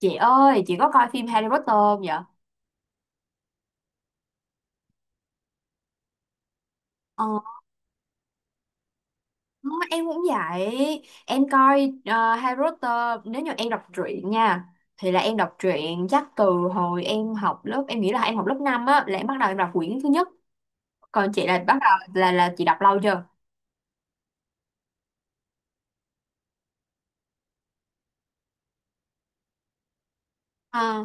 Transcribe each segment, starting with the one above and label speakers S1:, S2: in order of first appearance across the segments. S1: Chị ơi, chị có coi phim Harry Potter không vậy? Ờ, em cũng vậy. Em coi Harry Potter. Nếu như em đọc truyện nha, thì là em đọc truyện chắc từ hồi em học lớp. Em nghĩ là em học lớp 5 á. Là em bắt đầu em đọc quyển thứ nhất. Còn chị là bắt đầu là chị đọc lâu chưa? Ờ.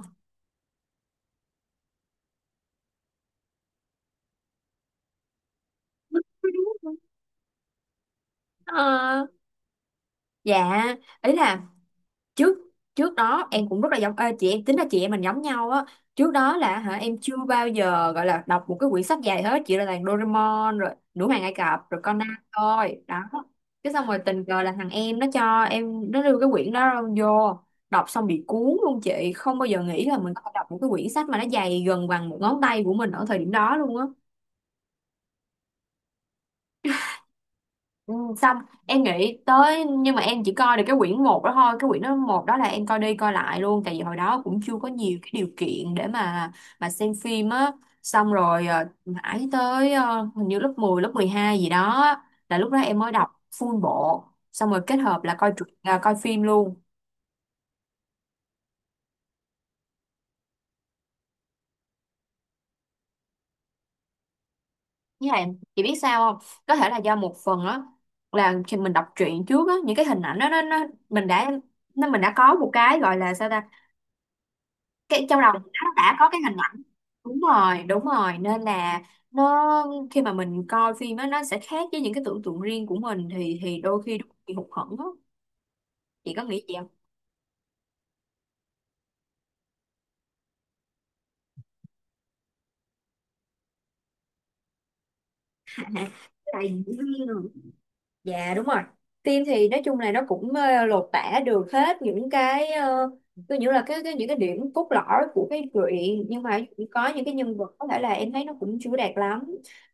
S1: Ờ. Dạ. Ý là trước trước đó em cũng rất là giống, chị em tính là chị em mình giống nhau á. Trước đó là hả em chưa bao giờ gọi là đọc một cái quyển sách dài hết, chỉ là toàn Doraemon rồi Nữ hoàng Ai Cập rồi Conan thôi đó. Cái xong rồi tình cờ là thằng em nó cho em, nó đưa cái quyển đó vô, đọc xong bị cuốn luôn. Chị không bao giờ nghĩ là mình có thể đọc một cái quyển sách mà nó dày gần bằng một ngón tay của mình ở thời điểm đó luôn á. Ừ, xong em nghĩ tới, nhưng mà em chỉ coi được cái quyển một đó thôi. Cái quyển đó một đó là em coi đi coi lại luôn, tại vì hồi đó cũng chưa có nhiều cái điều kiện để mà xem phim á. Xong rồi mãi tới, hình như lớp 12 gì đó, là lúc đó em mới đọc full bộ, xong rồi kết hợp là coi truyện à, coi phim luôn. Với lại chị biết sao không, có thể là do một phần á, là khi mình đọc truyện trước á những cái hình ảnh đó nó mình đã, nó mình đã có một cái gọi là sao ta, cái trong đầu mình nó đã có cái hình ảnh. Đúng rồi, đúng rồi, nên là nó khi mà mình coi phim á, nó sẽ khác với những cái tưởng tượng riêng của mình thì đôi khi bị hụt hẫng á. Chị có nghĩ vậy không? Tại vì dạ đúng rồi. Phim thì nói chung là nó cũng, lột tả được hết những cái, tôi nghĩ là cái những cái điểm cốt lõi của cái truyện, nhưng mà có những cái nhân vật có thể là em thấy nó cũng chưa đạt lắm.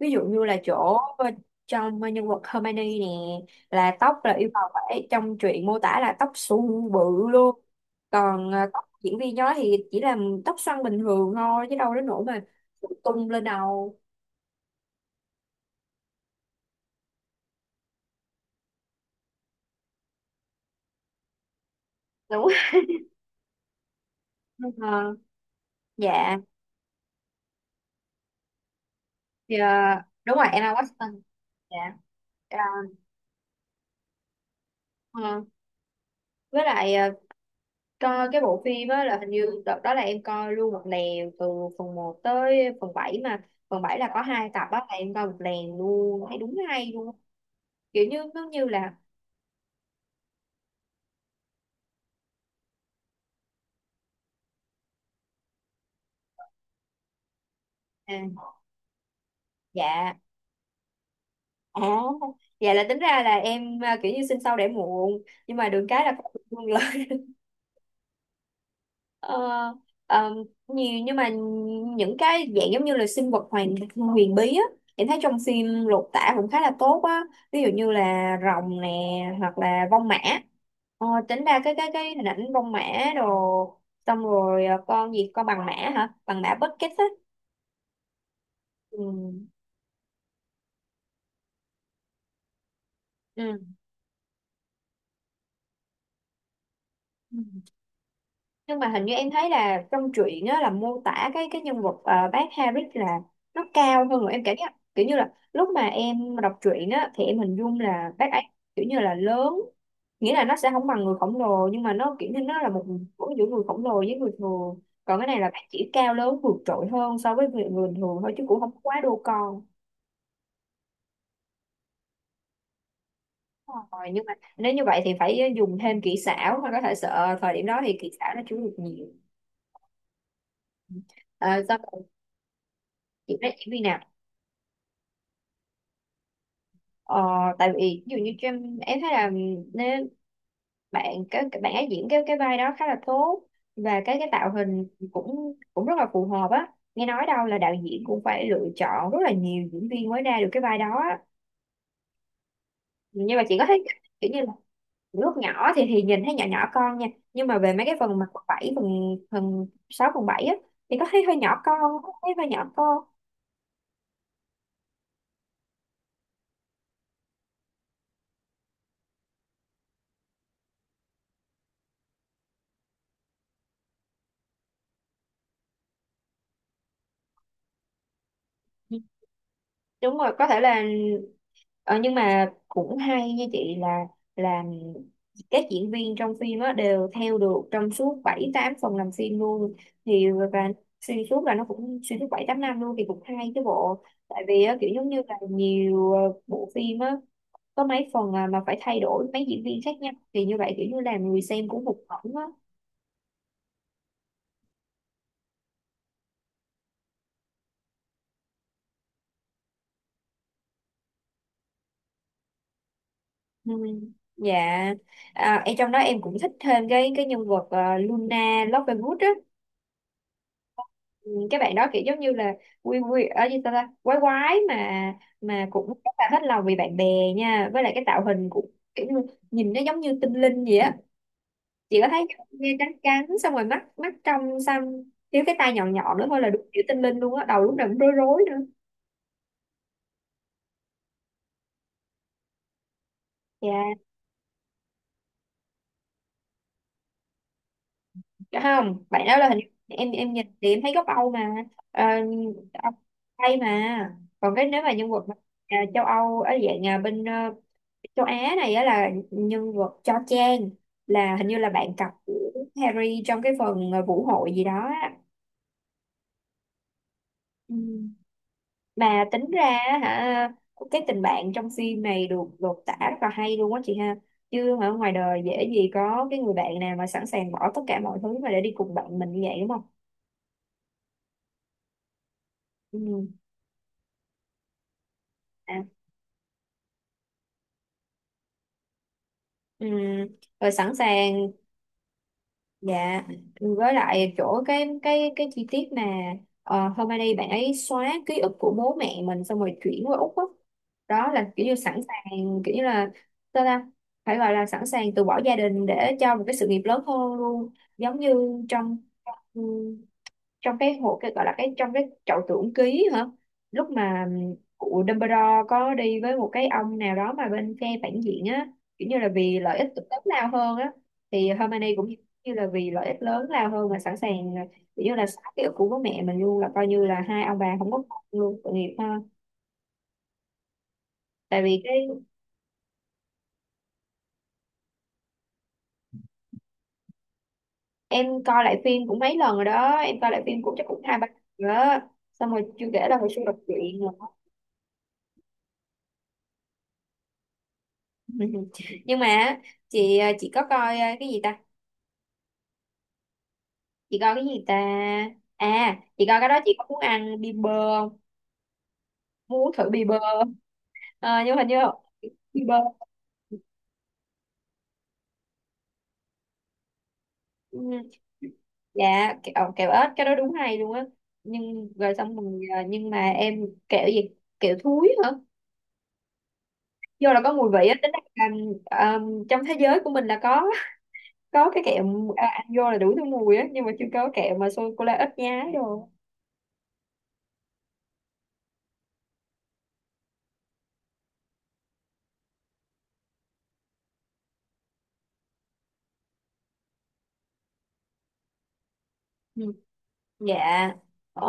S1: Ví dụ như là chỗ, trong nhân vật Hermione nè, là tóc là yêu cầu phải, trong truyện mô tả là tóc xù bự luôn. Còn tóc diễn viên đó thì chỉ là tóc xoăn bình thường thôi chứ đâu đến nỗi mà tung lên đầu. Đúng. Ờ, dạ. Thì, ờ, đúng rồi Emma Watson. Dạ. Ờ, ờ, với lại, coi cái bộ phim á là hình như đợt đó là em coi luôn một lèo từ phần một tới phần bảy, mà phần 7 là có hai tập á, là em coi một lèo luôn thấy đúng hay luôn, kiểu như nó như là à, dạ à, dạ là tính ra là em à, kiểu như sinh sau đẻ muộn nhưng mà được cái là có được luôn. Ờ, ờ, nhiều, nhưng mà những cái dạng giống như là sinh vật hoàn huyền bí á, em thấy trong phim lột tả cũng khá là tốt á. Ví dụ như là rồng nè, hoặc là vong mã. Ờ, tính ra cái hình ảnh vong mã đồ, xong rồi, con gì, con bằng mã, hả bằng mã Bucket á. Ừ. Ừ. Nhưng mà hình như em thấy là trong truyện á là mô tả cái nhân vật, bác Harris là nó cao hơn. Rồi em cảm giác kiểu như là lúc mà em đọc truyện á thì em hình dung là bác ấy kiểu như là lớn, nghĩa là nó sẽ không bằng người khổng lồ nhưng mà nó kiểu như nó là một của giữa người khổng lồ với người thường. Còn cái này là bác chỉ cao lớn vượt trội hơn so với người thường thôi chứ cũng không quá đô con. Rồi nhưng mà nếu như vậy thì phải dùng thêm kỹ xảo, mà có thể sợ thời điểm đó thì kỹ xảo nó chưa được nhiều. À, xong chị nói diễn viên nào? ờ, Tại vì ví dụ như cho em thấy là nếu bạn cái bạn ấy diễn cái vai đó khá là tốt, và cái tạo hình cũng cũng rất là phù hợp á. Nghe nói đâu là đạo diễn cũng phải lựa chọn rất là nhiều diễn viên mới ra được cái vai đó á. Nhưng mà chị có thấy kiểu như là lúc nhỏ thì nhìn thấy nhỏ nhỏ con nha, nhưng mà về mấy cái phần mà phần bảy phần phần sáu phần bảy á, thì có thấy hơi nhỏ con, có thấy hơi nhỏ con. Ừ, đúng rồi có thể là. Ờ, nhưng mà cũng hay như chị là các diễn viên trong phim á đều theo được trong suốt 7 8 phần làm phim luôn thì, và xuyên suốt là nó cũng xuyên suốt 7 8 năm luôn thì cũng hay chứ bộ. Tại vì á, kiểu giống như là nhiều, bộ phim á có mấy phần à, mà phải thay đổi mấy diễn viên khác nhau thì như vậy kiểu như làm người xem cũng hụt hẫng á. Ừ. Dạ. À, em trong đó em cũng thích thêm cái nhân vật, Luna Lovegood á. Ừ, cái bạn đó kiểu giống như là quy quy ở gì ta, ta quái quái mà cũng rất là hết lòng vì bạn bè nha. Với lại cái tạo hình cũng kiểu như nhìn nó giống như tinh linh vậy á. Chị có thấy nghe trắng trắng, xong rồi mắt mắt trong xăm, thiếu cái tai nhọn nhọn nữa thôi là đúng kiểu tinh linh luôn á, đầu lúc nào cũng rối rối nữa. Dạ. Dạ không, bạn đó là hình, em nhìn thì em thấy gốc Âu mà. Ờ, Âu Tây, mà còn cái nếu mà nhân vật mà, à, châu Âu ở dạng à, bên, châu Á này á, là nhân vật Cho Chang, là hình như là bạn cặp của Harry trong cái phần, vũ hội gì đó á. Ừ. Mà tính ra á hả, cái tình bạn trong phim này được lột tả rất là hay luôn á chị ha. Chứ ở ngoài đời dễ gì có cái người bạn nào mà sẵn sàng bỏ tất cả mọi thứ mà để đi cùng bạn mình như vậy, đúng không. Ừ. À. Ừ. Rồi sẵn sàng. Dạ, với lại chỗ cái chi tiết mà, hôm nay đi bạn ấy xóa ký ức của bố mẹ mình xong rồi chuyển qua Úc á. Đó. Là kiểu như sẵn sàng, kiểu như là sao ta, phải gọi là sẵn sàng từ bỏ gia đình để cho một cái sự nghiệp lớn hơn luôn, giống như trong, ừ, trong cái hộ cái gọi là cái trong cái chậu tưởng ký hả, lúc mà cụ Dumbledore có đi với một cái ông nào đó mà bên phe phản diện á, kiểu như là vì lợi ích lớn lao hơn á, thì Hermione cũng như là vì lợi ích lớn lao hơn mà sẵn sàng kiểu như là xóa ký ức của bố mẹ mình luôn, là coi như là hai ông bà không có con luôn, tội nghiệp ha. Tại vì cái em coi lại phim cũng mấy lần rồi đó, em coi lại phim cũng chắc cũng hai ba lần rồi đó, xong rồi chưa kể là hồi xưa đọc truyện nữa. Nhưng mà á, chị, chị có coi, cái gì ta, chị coi cái gì ta? À chị coi cái đó, chị có muốn ăn bia bơ không? Muốn uống thử bia bơ. Ờ, nhưng hình như bia bơ, ừ, dạ kẹo, kẹo ếch cái đó đúng hay luôn á. Nhưng rồi xong rồi, nhưng mà em kẹo gì, kẹo thúi hả, vô là có mùi vị á, tính là trong thế giới của mình là có cái kẹo à, ăn vô là đủ thứ mùi á, nhưng mà chưa có kẹo mà sô cô la ít nhái rồi. Ừ. Dạ. Ờ,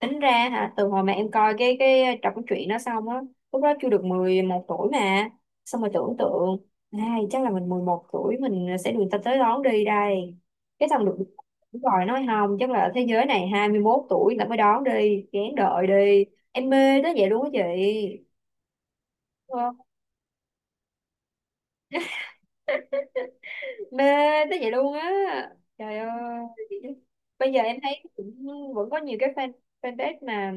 S1: tính ra hả từ hồi mà em coi cái trọc truyện đó xong á, lúc đó chưa được 11 tuổi mà, xong rồi tưởng tượng ai chắc là mình 11 tuổi mình sẽ được người ta tới đón đi đây. Cái xong được đúng rồi, nói không chắc là ở thế giới này 21 tuổi là mới đón đi kén đợi đi. Em mê tới vậy luôn á chị. Ờ. Mê tới vậy luôn á, trời ơi. Bây giờ em thấy cũng vẫn có nhiều cái fan, fanpage mà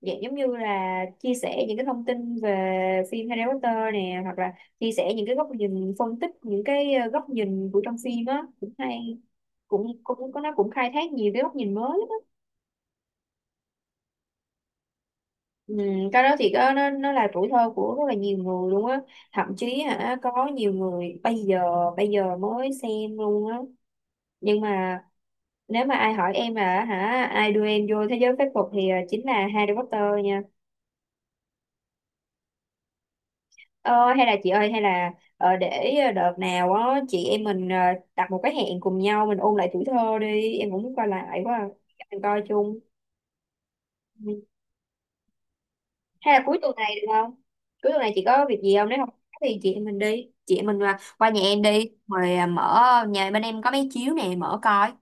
S1: dạng giống như là chia sẻ những cái thông tin về phim Harry Potter nè, hoặc là chia sẻ những cái góc nhìn phân tích những cái, góc nhìn của trong phim á cũng hay, cũng cũng có nó cũng khai thác nhiều cái góc nhìn mới. Ừ, cái đó thì có, nó là tuổi thơ của rất là nhiều người luôn á, thậm chí hả có nhiều người bây giờ, bây giờ mới xem luôn á. Nhưng mà nếu mà ai hỏi em là hả ai đưa em vô thế giới phép thuật thì, chính là Harry Potter nha. Ờ, hay là chị ơi, hay là, để, đợt nào á chị em mình, đặt một cái hẹn cùng nhau mình ôn lại tuổi thơ đi, em cũng muốn coi lại quá à. Mình coi chung. Ừ. Hay là cuối tuần này được không? Cuối tuần này chị có việc gì không, nếu không có thì chị em mình đi, chị em mình qua nhà em đi, rồi à, mở, nhà bên em có mấy chiếu nè mở coi.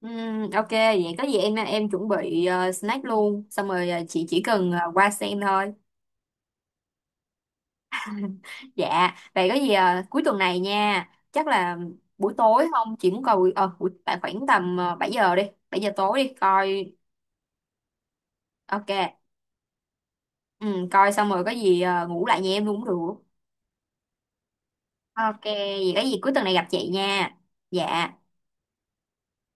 S1: Ok vậy có gì em chuẩn bị, snack luôn, xong rồi, chị chỉ cần, qua xem thôi. Dạ vậy có gì, cuối tuần này nha, chắc là buổi tối không, chị muốn coi buổi tại khoảng tầm, 7 giờ đi, 7 giờ tối đi coi. Ok. Coi xong rồi có gì, ngủ lại nhà em luôn cũng được. Ok vậy có gì cuối tuần này gặp chị nha. Dạ.